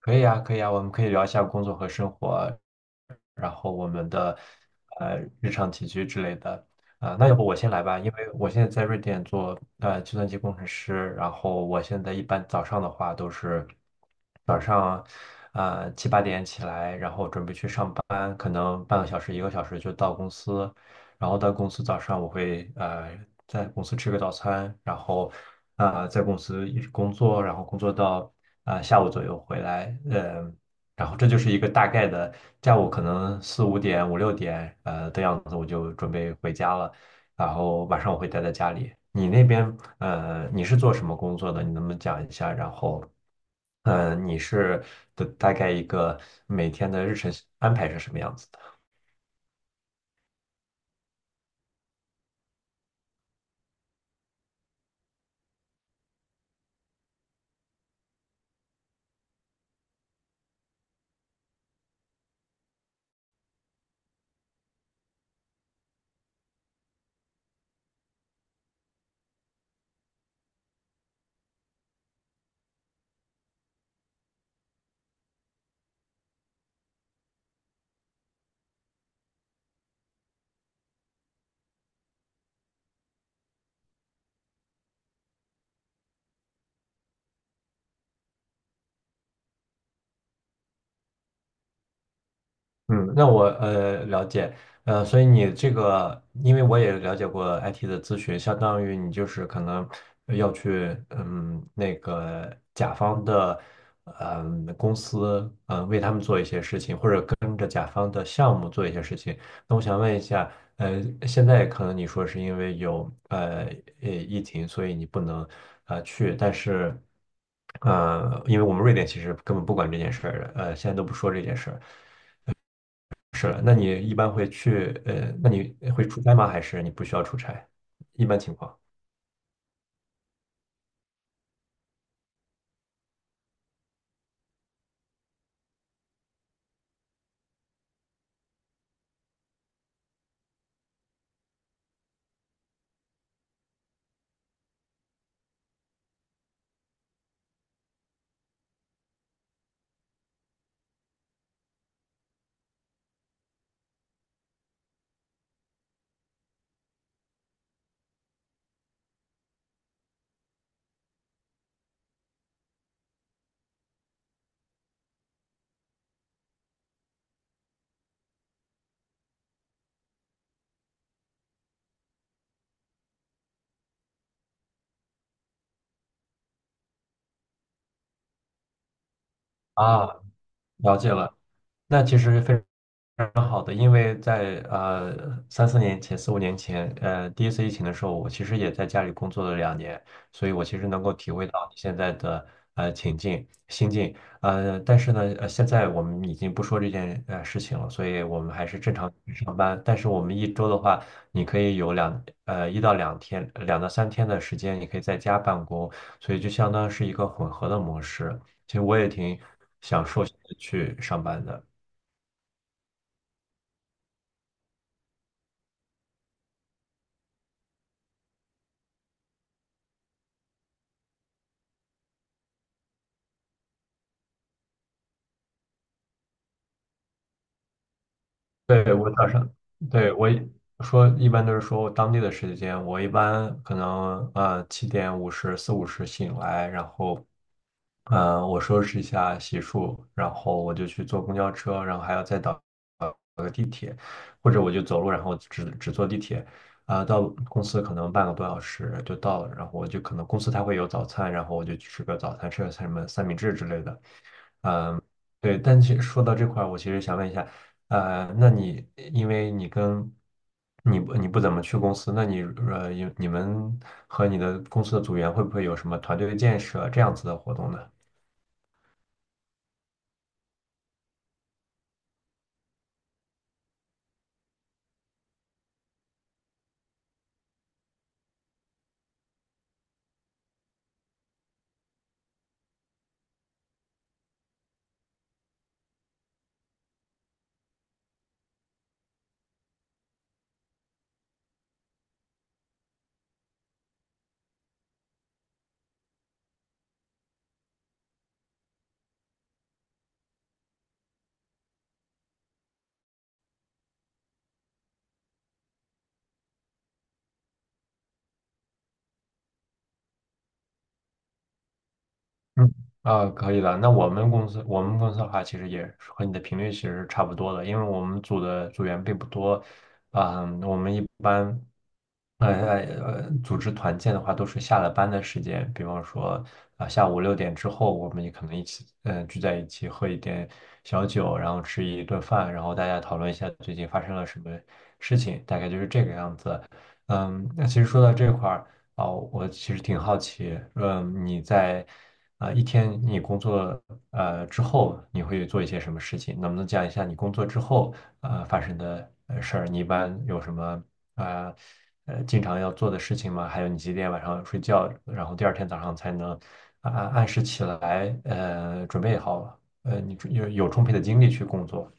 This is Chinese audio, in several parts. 可以啊，可以啊，我们可以聊一下工作和生活，然后我们的日常起居之类的。那要不我先来吧，因为我现在在瑞典做计算机工程师，然后我现在一般早上的话都是早上七八点起来，然后准备去上班，可能半个小时一个小时就到公司，然后到公司早上我会在公司吃个早餐，然后在公司一直工作，然后工作到下午左右回来，然后这就是一个大概的下午可能四五点五六点的样子我就准备回家了，然后晚上我会待在家里。你那边你是做什么工作的？你能不能讲一下？你是的大概一个每天的日程安排是什么样子的？嗯，那我了解，所以你这个，因为我也了解过 IT 的咨询，相当于你就是可能要去那个甲方的公司为他们做一些事情，或者跟着甲方的项目做一些事情。那我想问一下，现在可能你说是因为有疫情，所以你不能去，但是因为我们瑞典其实根本不管这件事儿，现在都不说这件事儿。是，了，那你一般会去，那你会出差吗？还是你不需要出差？一般情况。啊，了解了。那其实非蛮好的，因为在三四年前、四五年前，第一次疫情的时候，我其实也在家里工作了2年，所以我其实能够体会到你现在的情境、心境。但是呢，现在我们已经不说这件事情了，所以我们还是正常去上班。但是我们一周的话，你可以有一到两天、两到三天的时间，你可以在家办公，所以就相当是一个混合的模式。其实我也挺享受去上班的。对，我早上，对，我一般都是说当地的时间，我一般可能七点五十四五十醒来，然后我收拾一下洗漱，然后我就去坐公交车，然后还要再等，或者我就走路，然后只坐地铁，到公司可能半个多小时就到了，然后我就可能公司它会有早餐，然后我就去吃个早餐，吃个什么三明治之类的。对，但其实说到这块儿，我其实想问一下，那你因为你跟你不怎么去公司，那你你们和你的公司的组员会不会有什么团队建设这样子的活动呢？嗯，啊，可以的。那我们公司，我们公司的话，其实也是和你的频率其实是差不多的，因为我们组的组员并不多，啊，我们一般。组织团建的话，都是下了班的时间，比方说下午6点之后，我们也可能一起，聚在一起喝一点小酒，然后吃一顿饭，然后大家讨论一下最近发生了什么事情，大概就是这个样子。嗯，那其实说到这块儿我其实挺好奇，你在一天你工作之后，你会做一些什么事情？能不能讲一下你工作之后发生的事儿？你一般有什么啊？呃经常要做的事情嘛，还有你几点晚上睡觉，然后第二天早上才能按时起来，准备好，你有充沛的精力去工作。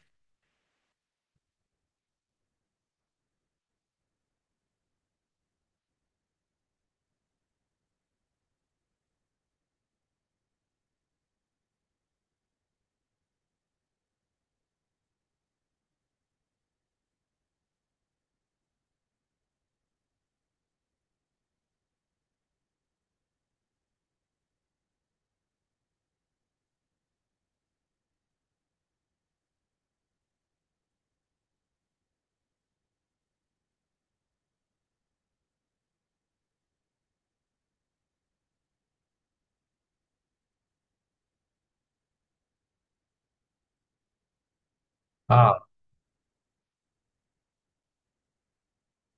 啊，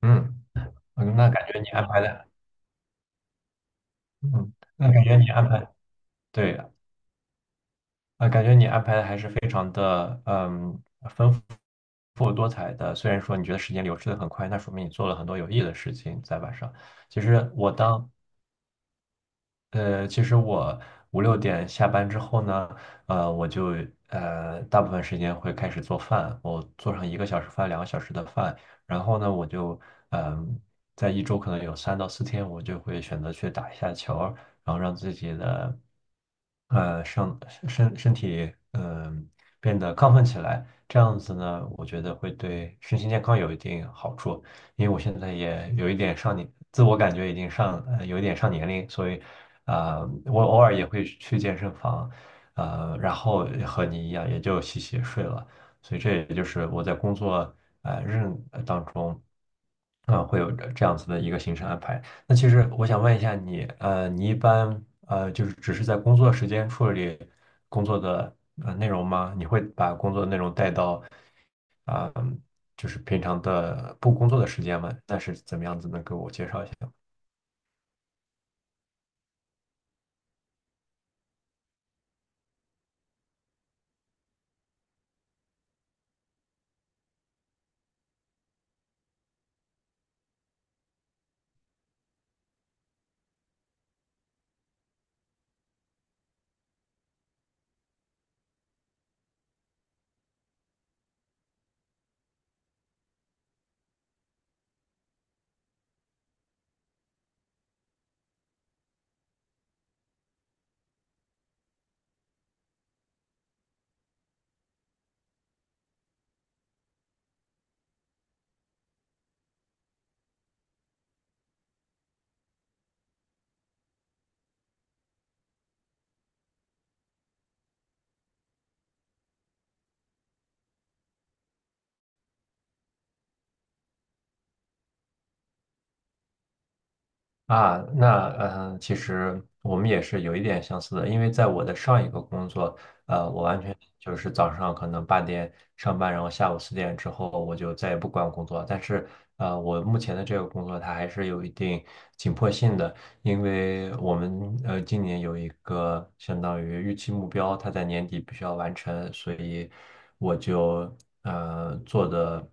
嗯，嗯那感觉你安排的，嗯，那感觉你安排，对，感觉你安排的还是非常的，丰富。丰富多彩的，虽然说你觉得时间流逝的很快，那说明你做了很多有意义的事情在晚上。其实我当其实我五六点下班之后呢，我就大部分时间会开始做饭，我做上一个小时饭、两个小时的饭，然后呢，我就嗯、在一周可能有三到四天，我就会选择去打一下球儿然后让自己的呃上身身体变得亢奋起来，这样子呢，我觉得会对身心健康有一定好处。因为我现在也有一点上年，自我感觉已经上，有一点上年龄，所以，啊、我偶尔也会去健身房，然后和你一样，也就洗洗睡了。所以这也就是我在工作呃日呃当中。啊，会有这样子的一个行程安排。那其实我想问一下你，你一般就是只是在工作时间处理工作的内容吗？你会把工作内容带到啊，就是平常的不工作的时间吗？那是怎么样子？能给我介绍一下？啊，那其实我们也是有一点相似的，因为在我的上一个工作，我完全就是早上可能八点上班，然后下午4点之后我就再也不管工作。但是，我目前的这个工作它还是有一定紧迫性的，因为我们今年有一个相当于预期目标，它在年底必须要完成，所以我就做的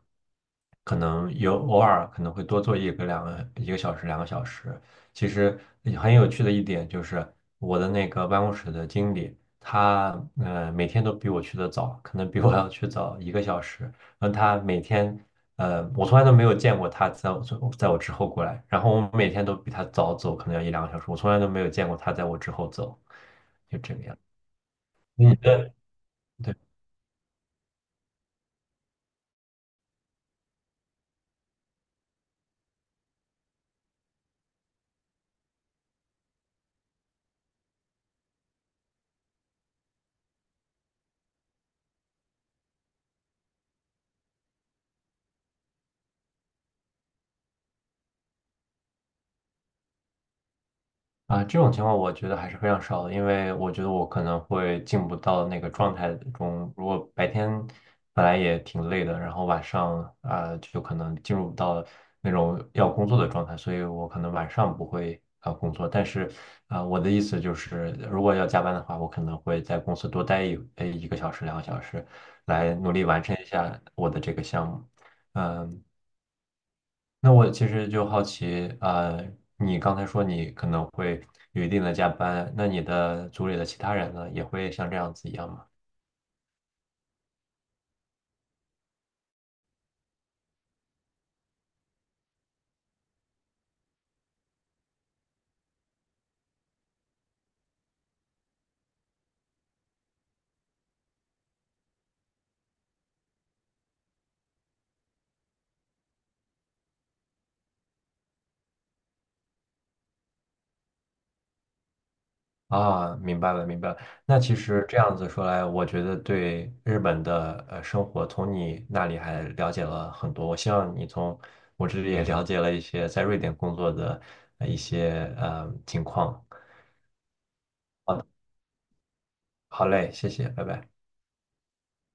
可能有偶尔可能会多做一个两个一个小时两个小时。其实很有趣的一点就是，我的那个办公室的经理，他每天都比我去的早，可能比我要去早一个小时。然后他每天，我从来都没有见过他在我之后过来。然后我每天都比他早走，可能要一两个小时。我从来都没有见过他在我之后走，就这个样。你的，对。这种情况我觉得还是非常少的，因为我觉得我可能会进不到那个状态中。如果白天本来也挺累的，然后晚上就可能进入不到那种要工作的状态，所以我可能晚上不会工作。但是我的意思就是，如果要加班的话，我可能会在公司多待一个小时、两个小时，来努力完成一下我的这个项目。嗯，那我其实就好奇，你刚才说你可能会有一定的加班，那你的组里的其他人呢，也会像这样子一样吗？啊，明白了，明白了。那其实这样子说来，我觉得对日本的生活，从你那里还了解了很多。我希望你从我这里也了解了一些在瑞典工作的一些情况。好嘞，谢谢，拜拜。